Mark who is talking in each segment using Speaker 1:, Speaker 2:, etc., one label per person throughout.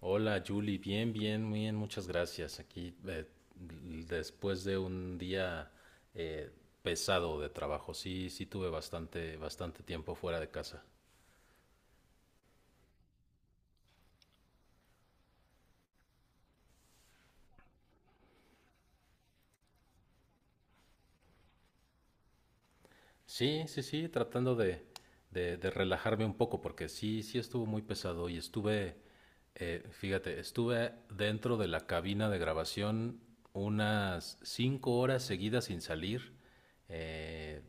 Speaker 1: Hola Julie, bien, bien, muy bien, muchas gracias. Aquí después de un día eh, pesado de trabajo, sí, sí tuve bastante, bastante tiempo fuera de casa. Sí, sí, sí, tratando de relajarme un poco, porque sí, sí estuvo muy pesado y estuve, fíjate, estuve dentro de la cabina de grabación unas cinco horas seguidas sin salir, eh,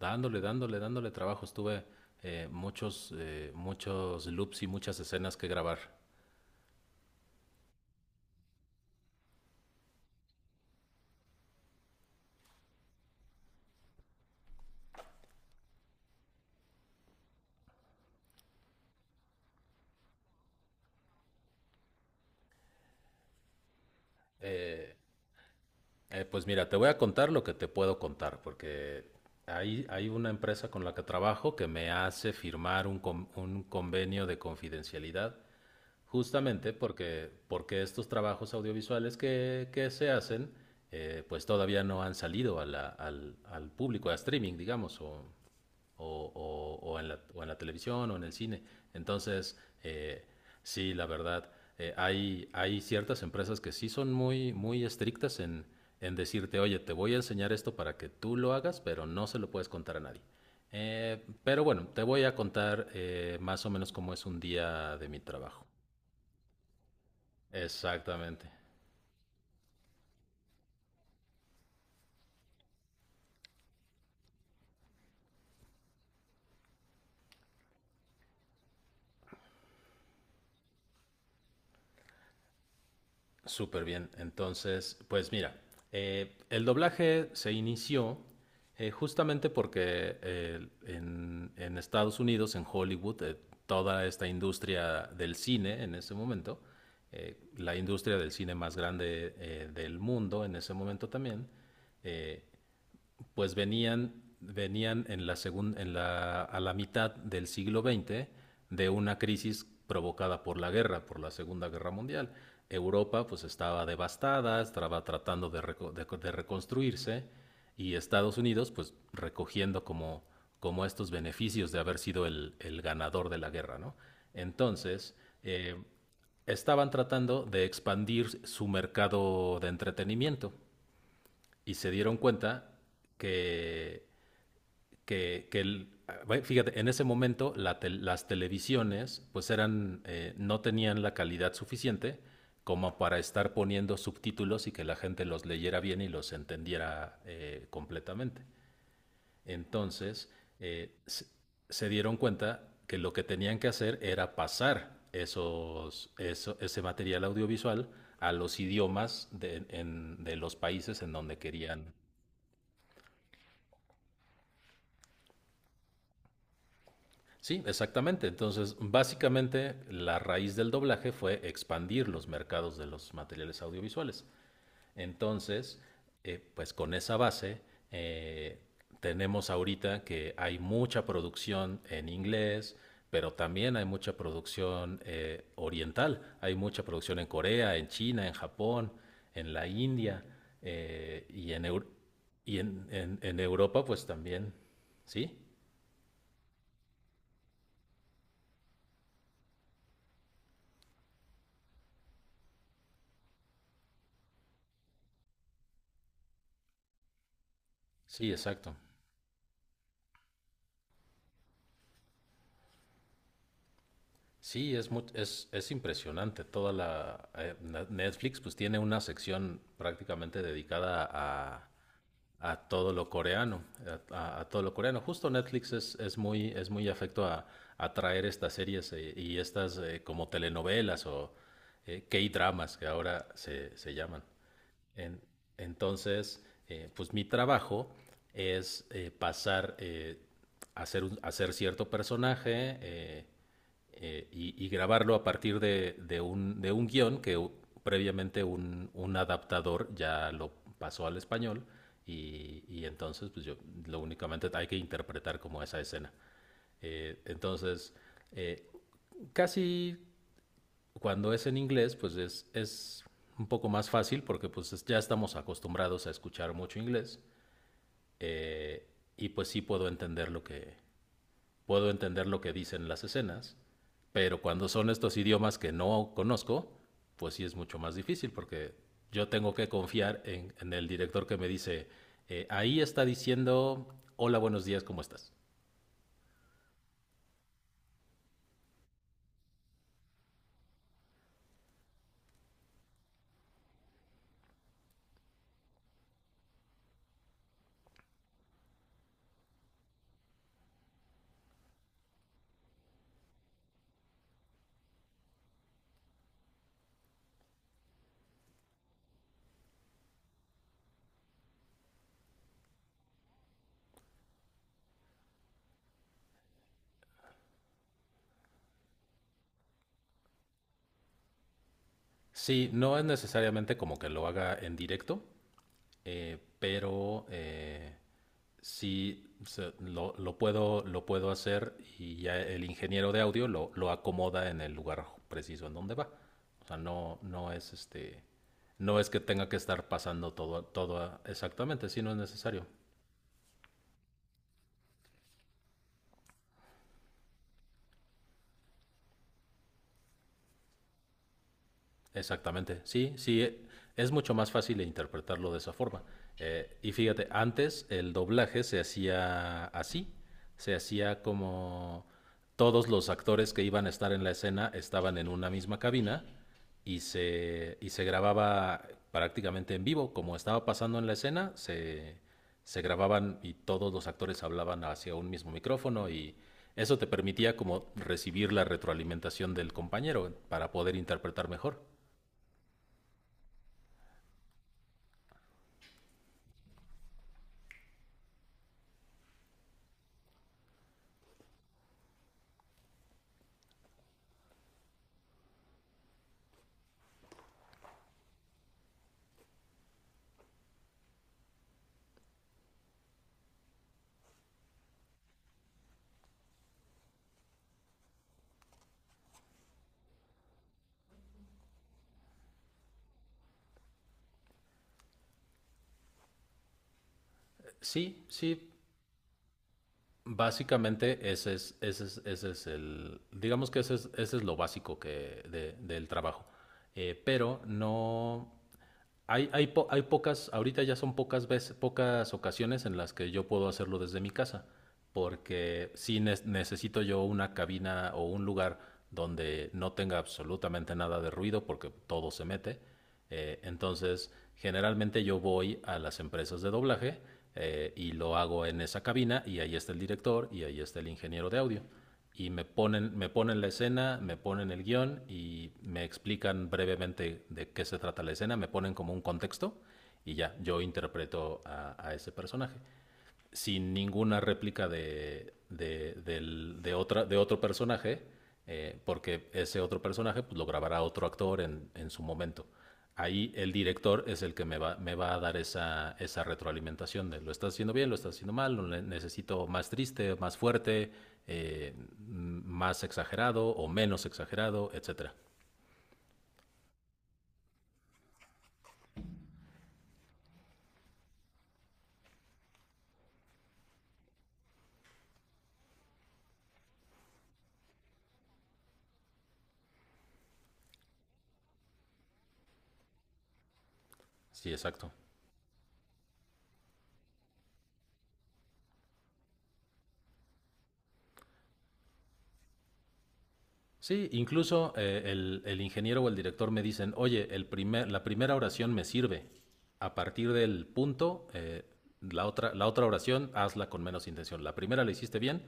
Speaker 1: dándole, dándole, dándole trabajo. Estuve muchos, muchos loops y muchas escenas que grabar. Eh, pues mira, te voy a contar lo que te puedo contar, porque hay una empresa con la que trabajo que me hace firmar un convenio de confidencialidad, justamente porque, porque estos trabajos audiovisuales que se hacen, pues todavía no han salido a al público, a streaming, digamos, o, o en la, o en la televisión o en el cine. Entonces, sí, la verdad, hay, hay ciertas empresas que sí son muy, muy estrictas en decirte, oye, te voy a enseñar esto para que tú lo hagas, pero no se lo puedes contar a nadie. Pero bueno, te voy a contar más o menos cómo es un día de mi trabajo. Exactamente. Súper bien. Entonces, pues mira, el doblaje se inició justamente porque en Estados Unidos, en Hollywood, toda esta industria del cine en ese momento, la industria del cine más grande del mundo en ese momento también, eh, pues venían, venían en la segun- en la, a la mitad del siglo XX de una crisis provocada por la guerra, por la Segunda Guerra Mundial. Europa pues estaba devastada, estaba tratando de, de reconstruirse y Estados Unidos pues recogiendo como, como estos beneficios de haber sido el ganador de la guerra, ¿no? Entonces, eh, estaban tratando de expandir su mercado de entretenimiento y se dieron cuenta que, que, que el, bueno, fíjate, en ese momento las televisiones pues eran, no tenían la calidad suficiente como para estar poniendo subtítulos y que la gente los leyera bien y los entendiera completamente. Entonces, eh, se se dieron cuenta que lo que tenían que hacer era pasar ese material audiovisual a los idiomas de los países en donde querían. Sí, exactamente. Entonces, básicamente la raíz del doblaje fue expandir los mercados de los materiales audiovisuales. Entonces, pues con esa base, eh, tenemos ahorita que hay mucha producción en inglés, pero también hay mucha producción oriental. Hay mucha producción en Corea, en China, en Japón, en la India eh, y, en, Eur- y en Europa, pues también. Sí, sí, exacto. Sí, es impresionante. Toda la Netflix pues tiene una sección prácticamente dedicada a todo lo coreano, a todo lo coreano. Justo Netflix es muy afecto a traer estas series y estas como telenovelas o K-dramas que ahora se, se llaman. En- entonces, pues mi trabajo es hacer cierto personaje y grabarlo a partir de un guión previamente un adaptador ya lo pasó al español y entonces pues yo lo únicamente hay que interpretar como esa escena. Entonces, eh, casi cuando es en inglés, pues es un poco más fácil porque pues ya estamos acostumbrados a escuchar mucho inglés eh, y pues sí puedo entender lo que puedo entender lo que dicen las escenas, pero cuando son estos idiomas que no conozco, pues sí es mucho más difícil porque yo tengo que confiar en el director que me dice ahí está diciendo hola buenos días cómo estás. Sí, no es necesariamente como que lo haga en directo, pero lo puedo, lo puedo hacer y ya el ingeniero de audio lo acomoda en el lugar preciso en donde va. O sea, no, no es este, no es que tenga que estar pasando todo, todo exactamente, si no es necesario. Exactamente, sí, sí, es mucho más fácil interpretarlo de esa forma. Y fíjate, antes el doblaje se hacía así, se hacía como todos los actores que iban a estar en la escena estaban en una misma cabina y se grababa prácticamente en vivo, como estaba pasando en la escena, se grababan y todos los actores hablaban hacia un mismo micrófono y eso te permitía como recibir la retroalimentación del compañero para poder interpretar mejor. Sí, sí, básicamente ese es el, digamos que ese es lo básico del trabajo. Pero no, hay pocas, ahorita ya son pocas veces, pocas ocasiones en las que yo puedo hacerlo desde mi casa, porque sí necesito yo una cabina o un lugar donde no tenga absolutamente nada de ruido, porque todo se mete. Entonces, generalmente yo voy a las empresas de doblaje y lo hago en esa cabina y ahí está el director y ahí está el ingeniero de audio y me ponen la escena, me ponen el guión y me explican brevemente de qué se trata la escena, me ponen como un contexto y ya, yo interpreto a ese personaje sin ninguna réplica de otra, de otro personaje, porque ese otro personaje pues, lo grabará otro actor en su momento. Ahí el director es el que me va a dar esa, esa retroalimentación de lo estás haciendo bien, lo estás haciendo mal, lo necesito más triste, más fuerte, eh, más exagerado o menos exagerado, etcétera. Sí, exacto. Sí, incluso el ingeniero o el director me dicen, oye, la primera oración me sirve. A partir del punto, la otra oración hazla con menos intención. La primera la hiciste bien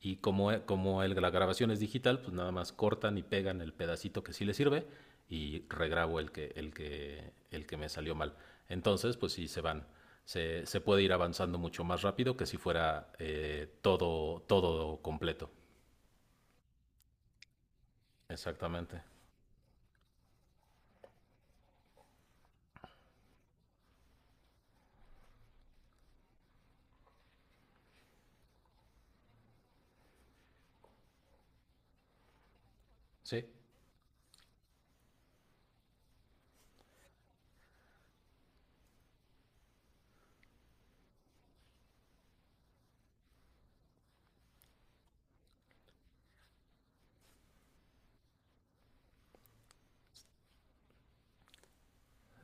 Speaker 1: y como, e- como el- la grabación es digital, pues nada más cortan y pegan el pedacito que sí le sirve y regrabo el que me salió mal. Entonces, pues sí, se van. Se puede ir avanzando mucho más rápido que si fuera todo, todo completo. Exactamente. Sí.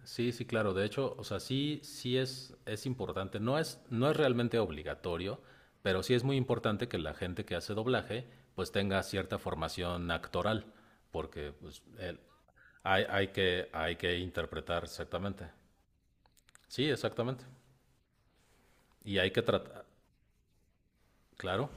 Speaker 1: Sí, sí, claro. De hecho, o sea, sí, es importante. No no es realmente obligatorio, pero sí es muy importante que la gente que hace doblaje, pues tenga cierta formación actoral, porque pues, hay que interpretar exactamente. Sí, exactamente. Y hay que tratar. Claro,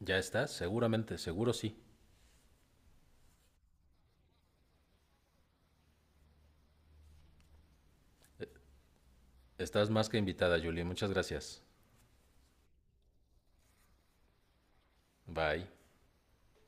Speaker 1: ya estás, seguramente, seguro sí. Estás más que invitada, Julie. Muchas gracias. Bye.